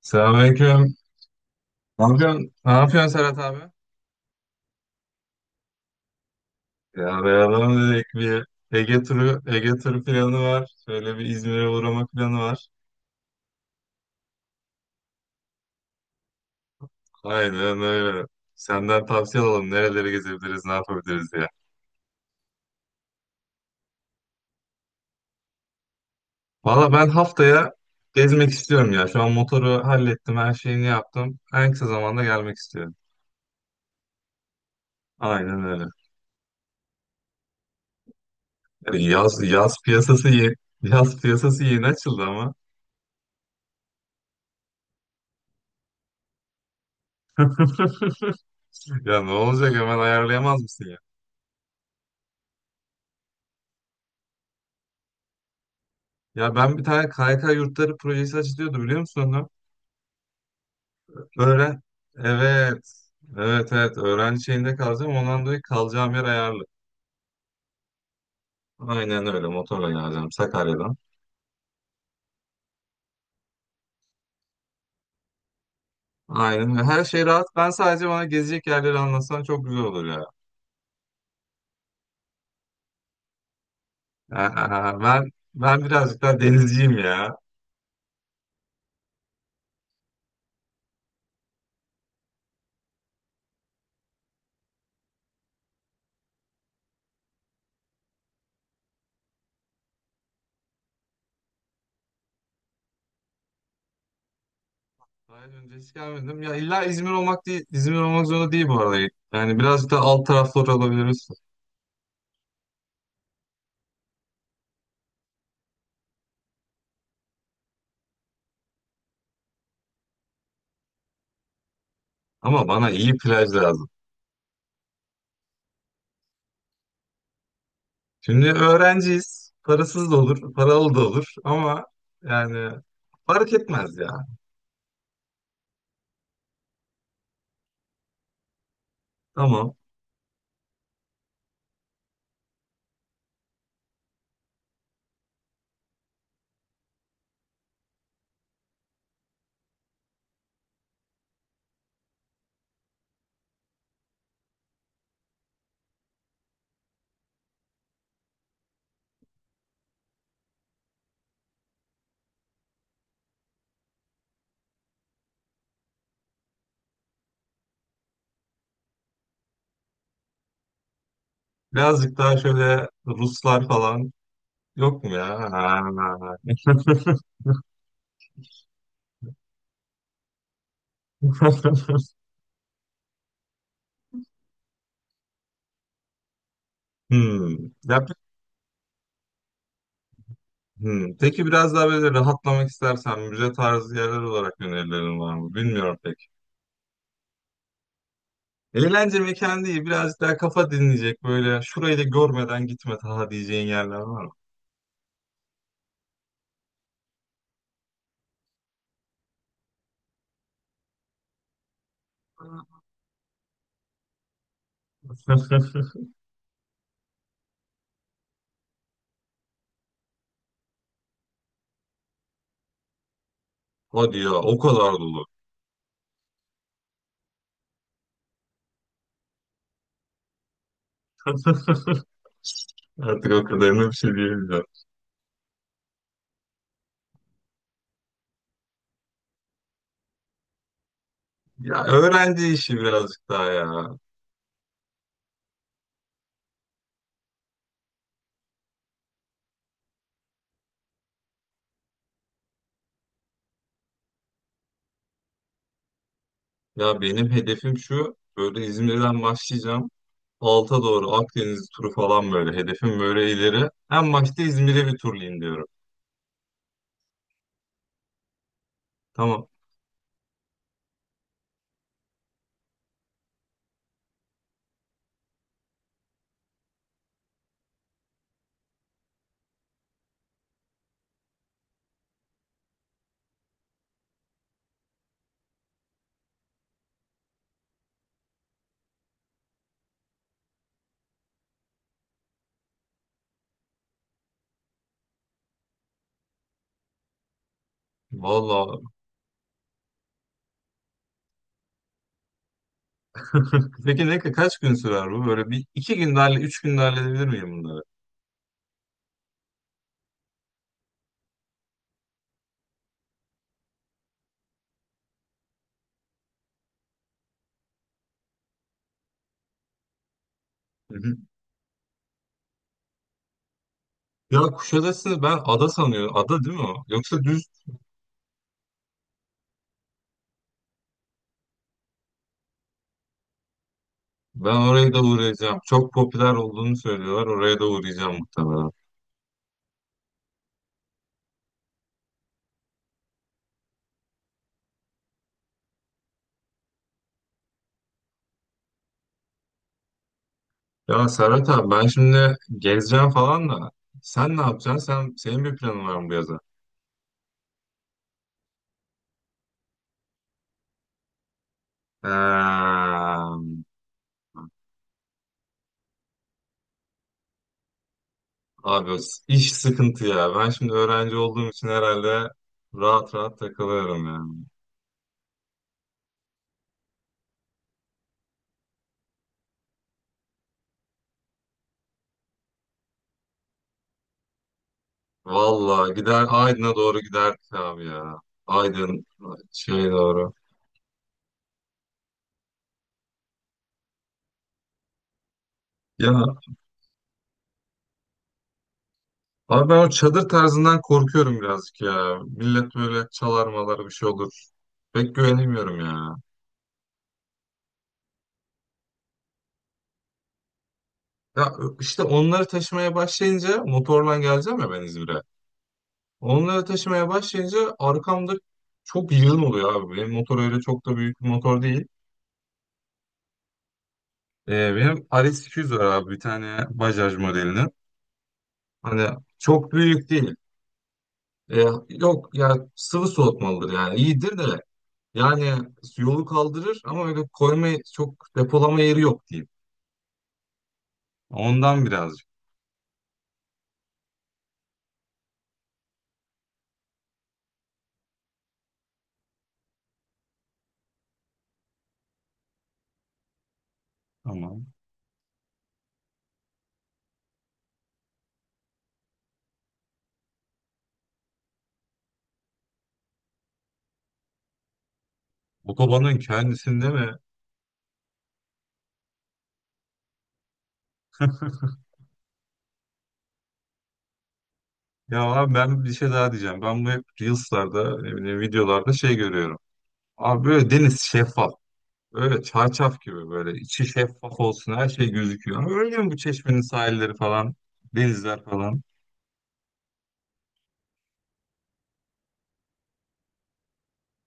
Selamünaleyküm. Ne yapıyorsun? Ne yapıyorsun Serhat abi? Ya beraber dedik bir Ege turu, planı var. Şöyle bir İzmir'e uğrama planı var. Aynen öyle. Senden tavsiye alalım. Nereleri gezebiliriz, ne yapabiliriz diye. Valla ben haftaya gezmek istiyorum ya. Şu an motoru hallettim, her şeyini yaptım. En kısa zamanda gelmek istiyorum. Aynen öyle. Yani yaz piyasası yeni açıldı ama. Ya ne olacak hemen ayarlayamaz mısın? Ya ben bir tane KYK yurtları projesi açılıyordu, biliyor musun onu? Öğren. Evet. Evet, evet. Öğrenci şeyinde kalacağım. Ondan dolayı kalacağım yer ayarlı. Aynen öyle. Motorla geleceğim Sakarya'dan. Aynen. Her şey rahat. Ben sadece bana gezecek yerleri anlatsan çok güzel olur ya. Aa, ben ben birazcık daha denizciyim ya. Daha önce hiç gelmedim. Ya illa İzmir olmak değil. İzmir olmak zorunda değil bu arada. Yani birazcık da alt taraflar olabiliriz. Ama bana iyi plaj lazım. Şimdi öğrenciyiz. Parasız da olur, paralı da olur ama yani fark etmez ya. Tamam. Birazcık daha şöyle Ruslar falan yok mu ya? Ha. Hmm. Ya, hmm. Peki biraz daha böyle rahatlamak istersen müze tarzı yerler olarak önerilerin var mı? Bilmiyorum pek. Eğlence mekanı değil, birazcık daha kafa dinleyecek böyle şurayı da görmeden gitme daha diyeceğin yerler var mı? Hadi ya, o kadar dolu. Artık o kadarına bir şey diyemeyeceğim. Ya öğrenci işi birazcık daha ya. Ya benim hedefim şu. Böyle İzmir'den başlayacağım. Alta doğru Akdeniz turu falan böyle. Hedefim böyle ileri. En başta İzmir'e bir turlayayım diyorum. Tamam. Vallahi. Peki ne kaç gün sürer bu? Böyle bir iki günlerle üç günde halledebilir miyim bunları? Hı hı. Ya Kuşadası'nı ben ada sanıyorum. Ada değil mi o? Yoksa düz. Ben oraya da uğrayacağım. Çok popüler olduğunu söylüyorlar. Oraya da uğrayacağım muhtemelen. Ya Serhat abi, ben şimdi gezeceğim falan da sen ne yapacaksın? Senin bir planın var mı bu yaza? Eee, abi iş sıkıntı ya. Ben şimdi öğrenci olduğum için herhalde rahat rahat takılıyorum ya. Valla gider, Aydın'a doğru giderdik abi ya. Aydın şey doğru. Ya abi, ben o çadır tarzından korkuyorum birazcık ya. Millet böyle çalar malar, bir şey olur. Pek güvenemiyorum ya. Ya işte onları taşımaya başlayınca motorla geleceğim ya ben İzmir'e. Onları taşımaya başlayınca arkamda çok yığın oluyor abi. Benim motor öyle çok da büyük bir motor değil. Benim RS 200 var abi, bir tane Bajaj modelinin. Hani çok büyük değil. Yok ya, sıvı soğutmalıdır, yani iyidir de yani yolu kaldırır ama öyle koyma, çok depolama yeri yok diyeyim. Ondan birazcık. Ama otobanın kendisinde mi? Ya abi, ben bir şey daha diyeceğim. Ben bu hep Reels'larda, ne bileyim videolarda şey görüyorum. Abi böyle deniz şeffaf. Öyle çarşaf gibi böyle içi şeffaf olsun, her şey gözüküyor. Ama öyle mi bu çeşmenin sahilleri falan, denizler falan?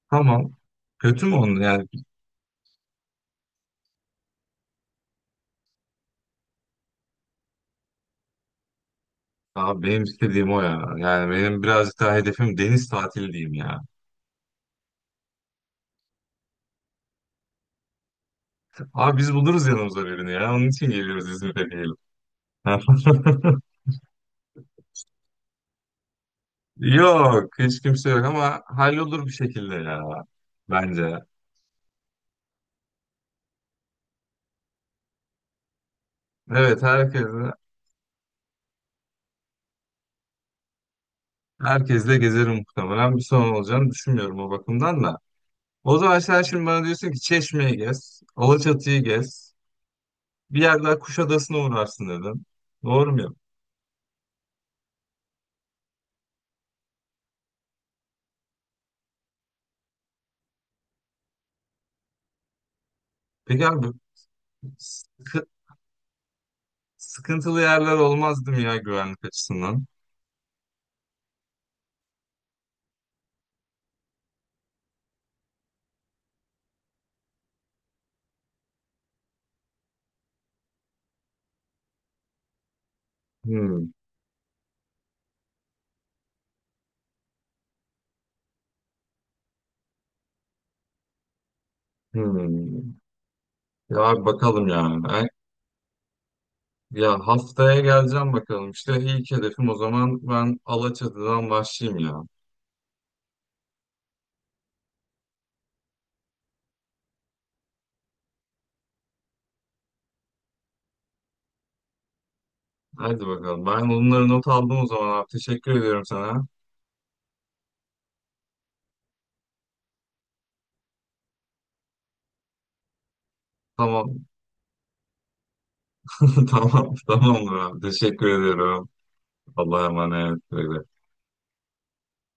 Tamam. Kötü mü onun yani? Abi benim istediğim o ya. Yani benim birazcık daha hedefim deniz tatili diyeyim ya. Abi biz buluruz yanımıza birini ya. Onun için geliyoruz İzmir'e diyelim. Yok, hiç kimse yok ama hallolur bir şekilde ya, bence. Evet, herkes. Herkesle gezerim muhtemelen. Bir sorun olacağını düşünmüyorum o bakımdan da. O zaman sen şimdi bana diyorsun ki Çeşme'yi gez, Alaçatı'yı gez, bir yer daha Kuşadası'na uğrarsın dedin. Doğru mu? Peki abi, sıkı- sıkıntılı yerler olmazdı mı ya güvenlik açısından? Hmm, hmm. Ya abi bakalım yani. Ay- Ya haftaya geleceğim bakalım. İşte ilk hedefim, o zaman ben Alaçatı'dan başlayayım ya. Hadi bakalım. Ben bunları not aldım o zaman abi. Teşekkür ediyorum sana. Tamam. Tamam, tamamdır abi. Teşekkür ediyorum. Allah'a emanet. Güle güle.